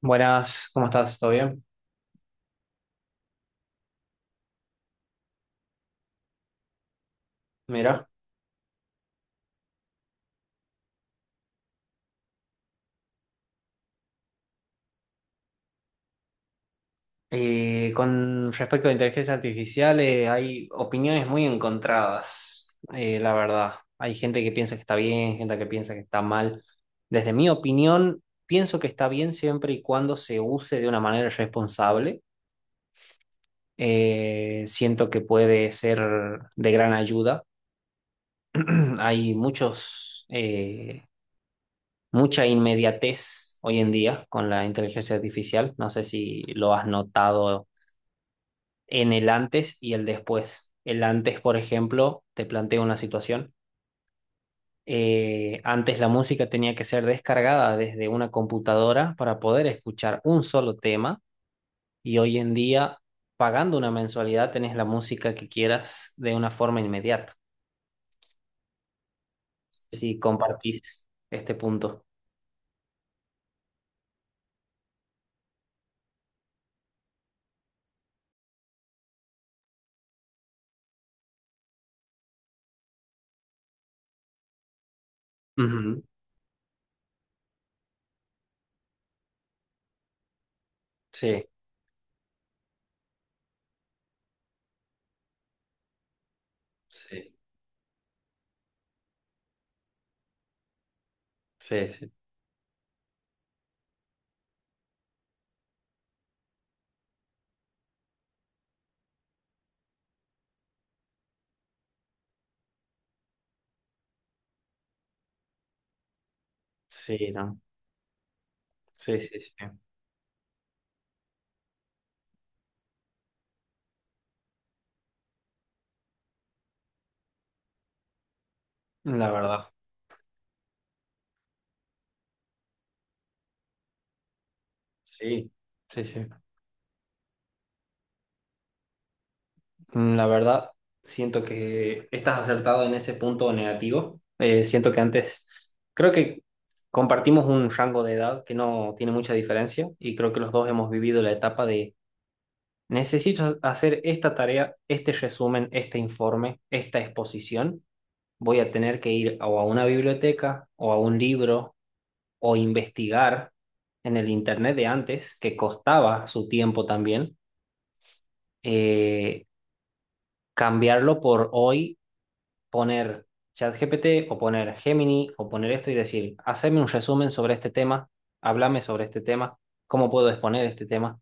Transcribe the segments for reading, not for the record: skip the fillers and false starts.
Buenas, ¿cómo estás? ¿Todo bien? Mira, con respecto a inteligencia artificial, hay opiniones muy encontradas, la verdad. Hay gente que piensa que está bien, gente que piensa que está mal. Desde mi opinión, pienso que está bien siempre y cuando se use de una manera responsable. Siento que puede ser de gran ayuda. Hay mucha inmediatez hoy en día con la inteligencia artificial. No sé si lo has notado en el antes y el después. El antes, por ejemplo, te planteo una situación. Antes la música tenía que ser descargada desde una computadora para poder escuchar un solo tema y hoy en día, pagando una mensualidad, tenés la música que quieras de una forma inmediata. Si compartís este punto. Ujú. Sí, sí, sí, sí, sí, no. Sí, sí, sí. La verdad. Sí, sí, sí. La verdad, siento que estás acertado en ese punto negativo. Siento que antes, creo que compartimos un rango de edad que no tiene mucha diferencia y creo que los dos hemos vivido la etapa de necesito hacer esta tarea, este resumen, este informe, esta exposición. Voy a tener que ir o a una biblioteca o a un libro o investigar en el internet de antes, que costaba su tiempo también. eh, cambiarlo por hoy poner ChatGPT o poner Gemini o poner esto y decir, haceme un resumen sobre este tema, háblame sobre este tema, cómo puedo exponer este tema,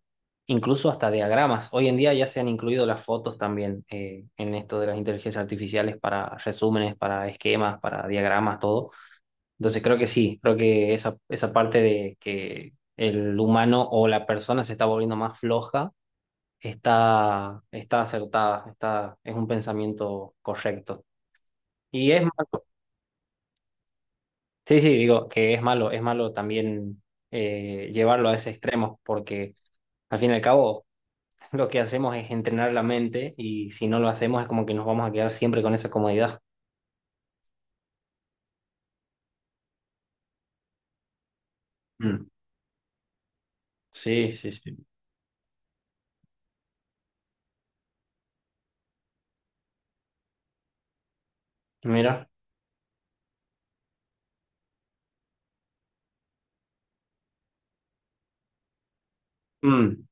incluso hasta diagramas. Hoy en día ya se han incluido las fotos también en esto de las inteligencias artificiales para resúmenes, para esquemas, para diagramas, todo. Entonces creo que sí, creo que esa parte de que el humano o la persona se está volviendo más floja está acertada, es un pensamiento correcto. Y es más. Sí, sí, digo que es malo también llevarlo a ese extremo, porque al fin y al cabo lo que hacemos es entrenar la mente y si no lo hacemos es como que nos vamos a quedar siempre con esa comodidad. Mm, sí, sí, sí. Mira. Mm,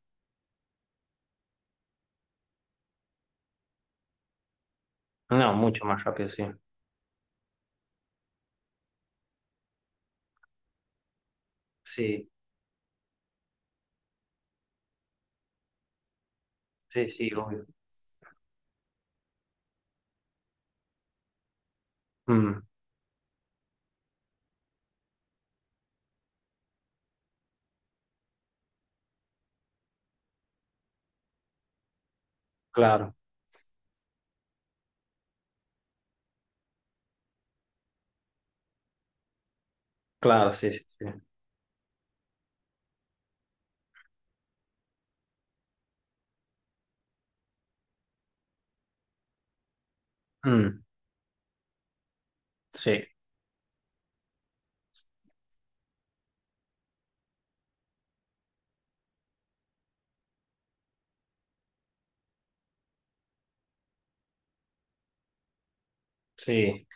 no, mucho más rápido, sí. Sí, sí, sí, obvio. Mm, claro, claro, sí, sí, sí. Mm, sí, sí.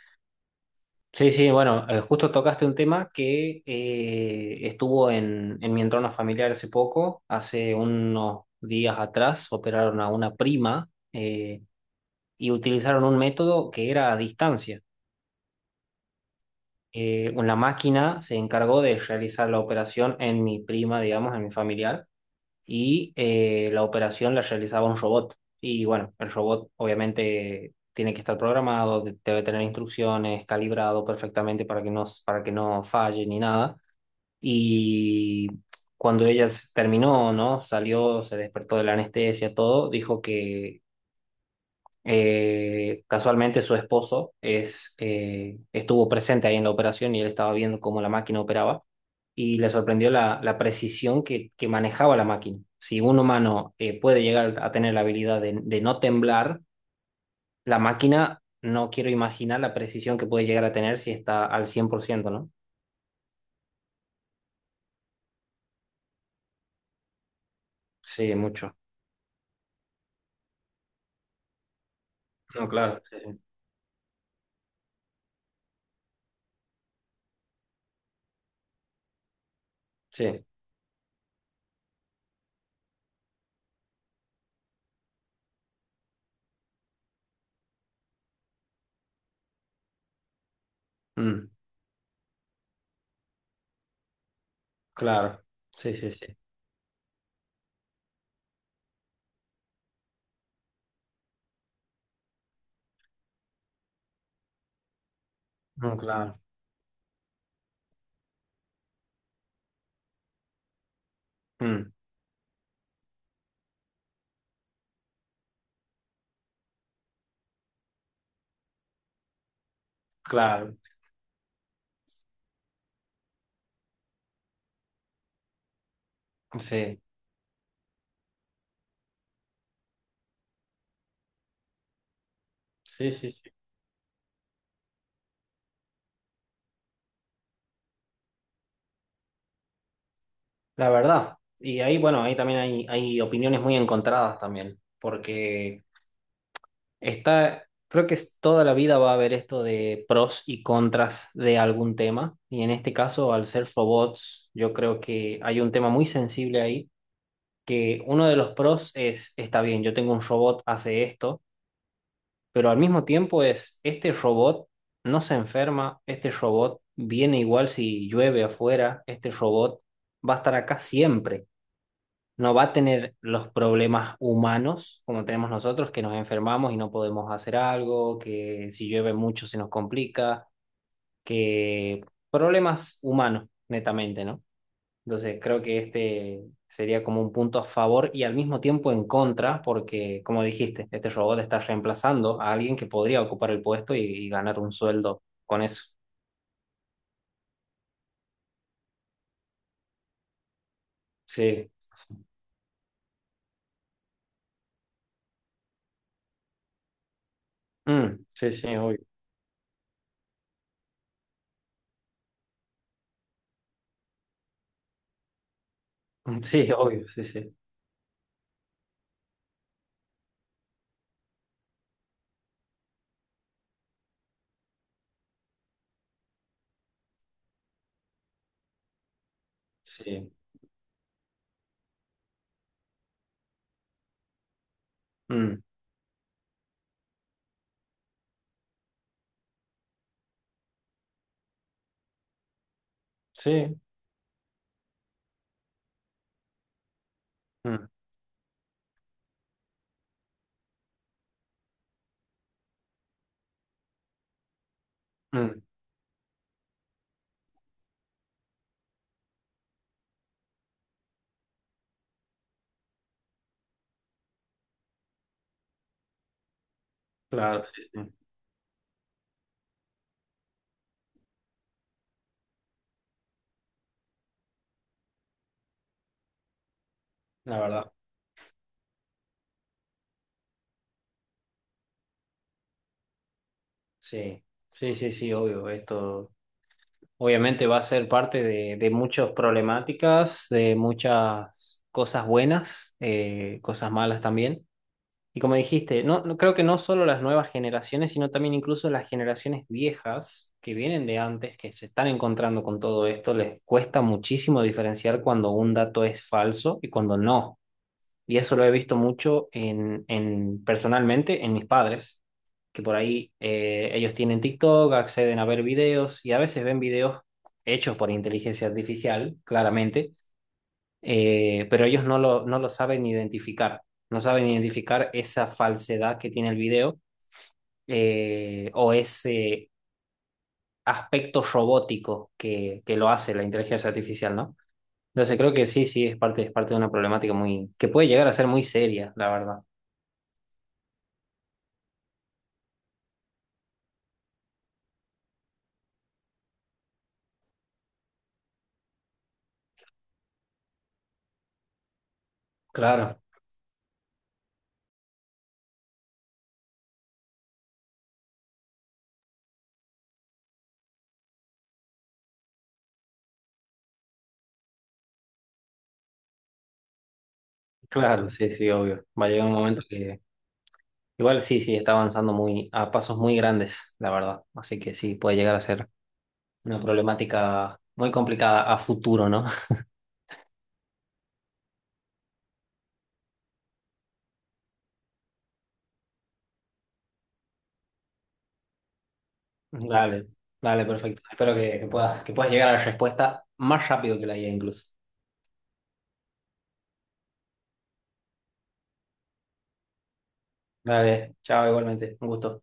Sí, sí, bueno, justo tocaste un tema que estuvo en mi entorno familiar hace poco, hace unos días atrás operaron a una prima y utilizaron un método que era a distancia. Una máquina se encargó de realizar la operación en mi prima, digamos, en mi familiar, y la operación la realizaba un robot. Y bueno, el robot obviamente tiene que estar programado, debe tener instrucciones, calibrado perfectamente para que no falle ni nada. Y cuando ella terminó, ¿no? Salió, se despertó de la anestesia, todo, dijo que casualmente su esposo estuvo presente ahí en la operación y él estaba viendo cómo la máquina operaba y le sorprendió la precisión que manejaba la máquina. Si un humano puede llegar a tener la habilidad de no temblar, la máquina no quiero imaginar la precisión que puede llegar a tener si está al cien por ciento, ¿no? Sí, mucho. No, claro. Sí, sí. Sí. Mm, claro. Sí, sí, sí. No, claro. Mm, claro. Sí. Sí, sí, sí. La verdad. Y ahí, bueno, ahí también hay opiniones muy encontradas también, porque está, creo que toda la vida va a haber esto de pros y contras de algún tema, y en este caso, al ser robots, yo creo que hay un tema muy sensible ahí, que uno de los pros es, está bien, yo tengo un robot, hace esto, pero al mismo tiempo este robot no se enferma, este robot viene igual si llueve afuera, este robot va a estar acá siempre. No va a tener los problemas humanos como tenemos nosotros, que nos enfermamos y no podemos hacer algo, que si llueve mucho se nos complica, que problemas humanos, netamente, ¿no? Entonces creo que este sería como un punto a favor y al mismo tiempo en contra, porque como dijiste, este robot está reemplazando a alguien que podría ocupar el puesto y ganar un sueldo con eso. Sí, mm, sí, sí, obvio. Sí, obvio, sí, sí, sí. Mm, sí, mm, mm. Claro, sí, sí, la verdad. Sí, sí, sí, sí, obvio. Esto obviamente va a ser parte de muchas problemáticas, de muchas cosas buenas, cosas malas también. Y como dijiste, creo que no solo las nuevas generaciones, sino también incluso las generaciones viejas que vienen de antes, que se están encontrando con todo esto, les cuesta muchísimo diferenciar cuando un dato es falso y cuando no. Y eso lo he visto mucho en personalmente en mis padres, que por ahí ellos tienen TikTok, acceden a ver videos y a veces ven videos hechos por inteligencia artificial, claramente, pero ellos no lo saben identificar, no saben identificar esa falsedad que tiene el video o ese aspecto robótico que lo hace la inteligencia artificial, ¿no? Entonces creo que sí, sí, es parte de una problemática muy, que puede llegar a ser muy seria, la verdad. Claro. Claro, sí, sí, obvio. Va a llegar un momento que igual sí, sí, está avanzando muy a pasos muy grandes, la verdad. Así que sí, puede llegar a ser una problemática muy complicada a futuro, ¿no? Dale, dale, perfecto. Espero que puedas llegar a la respuesta más rápido que la IA incluso. Dale, chao, igualmente. Un gusto.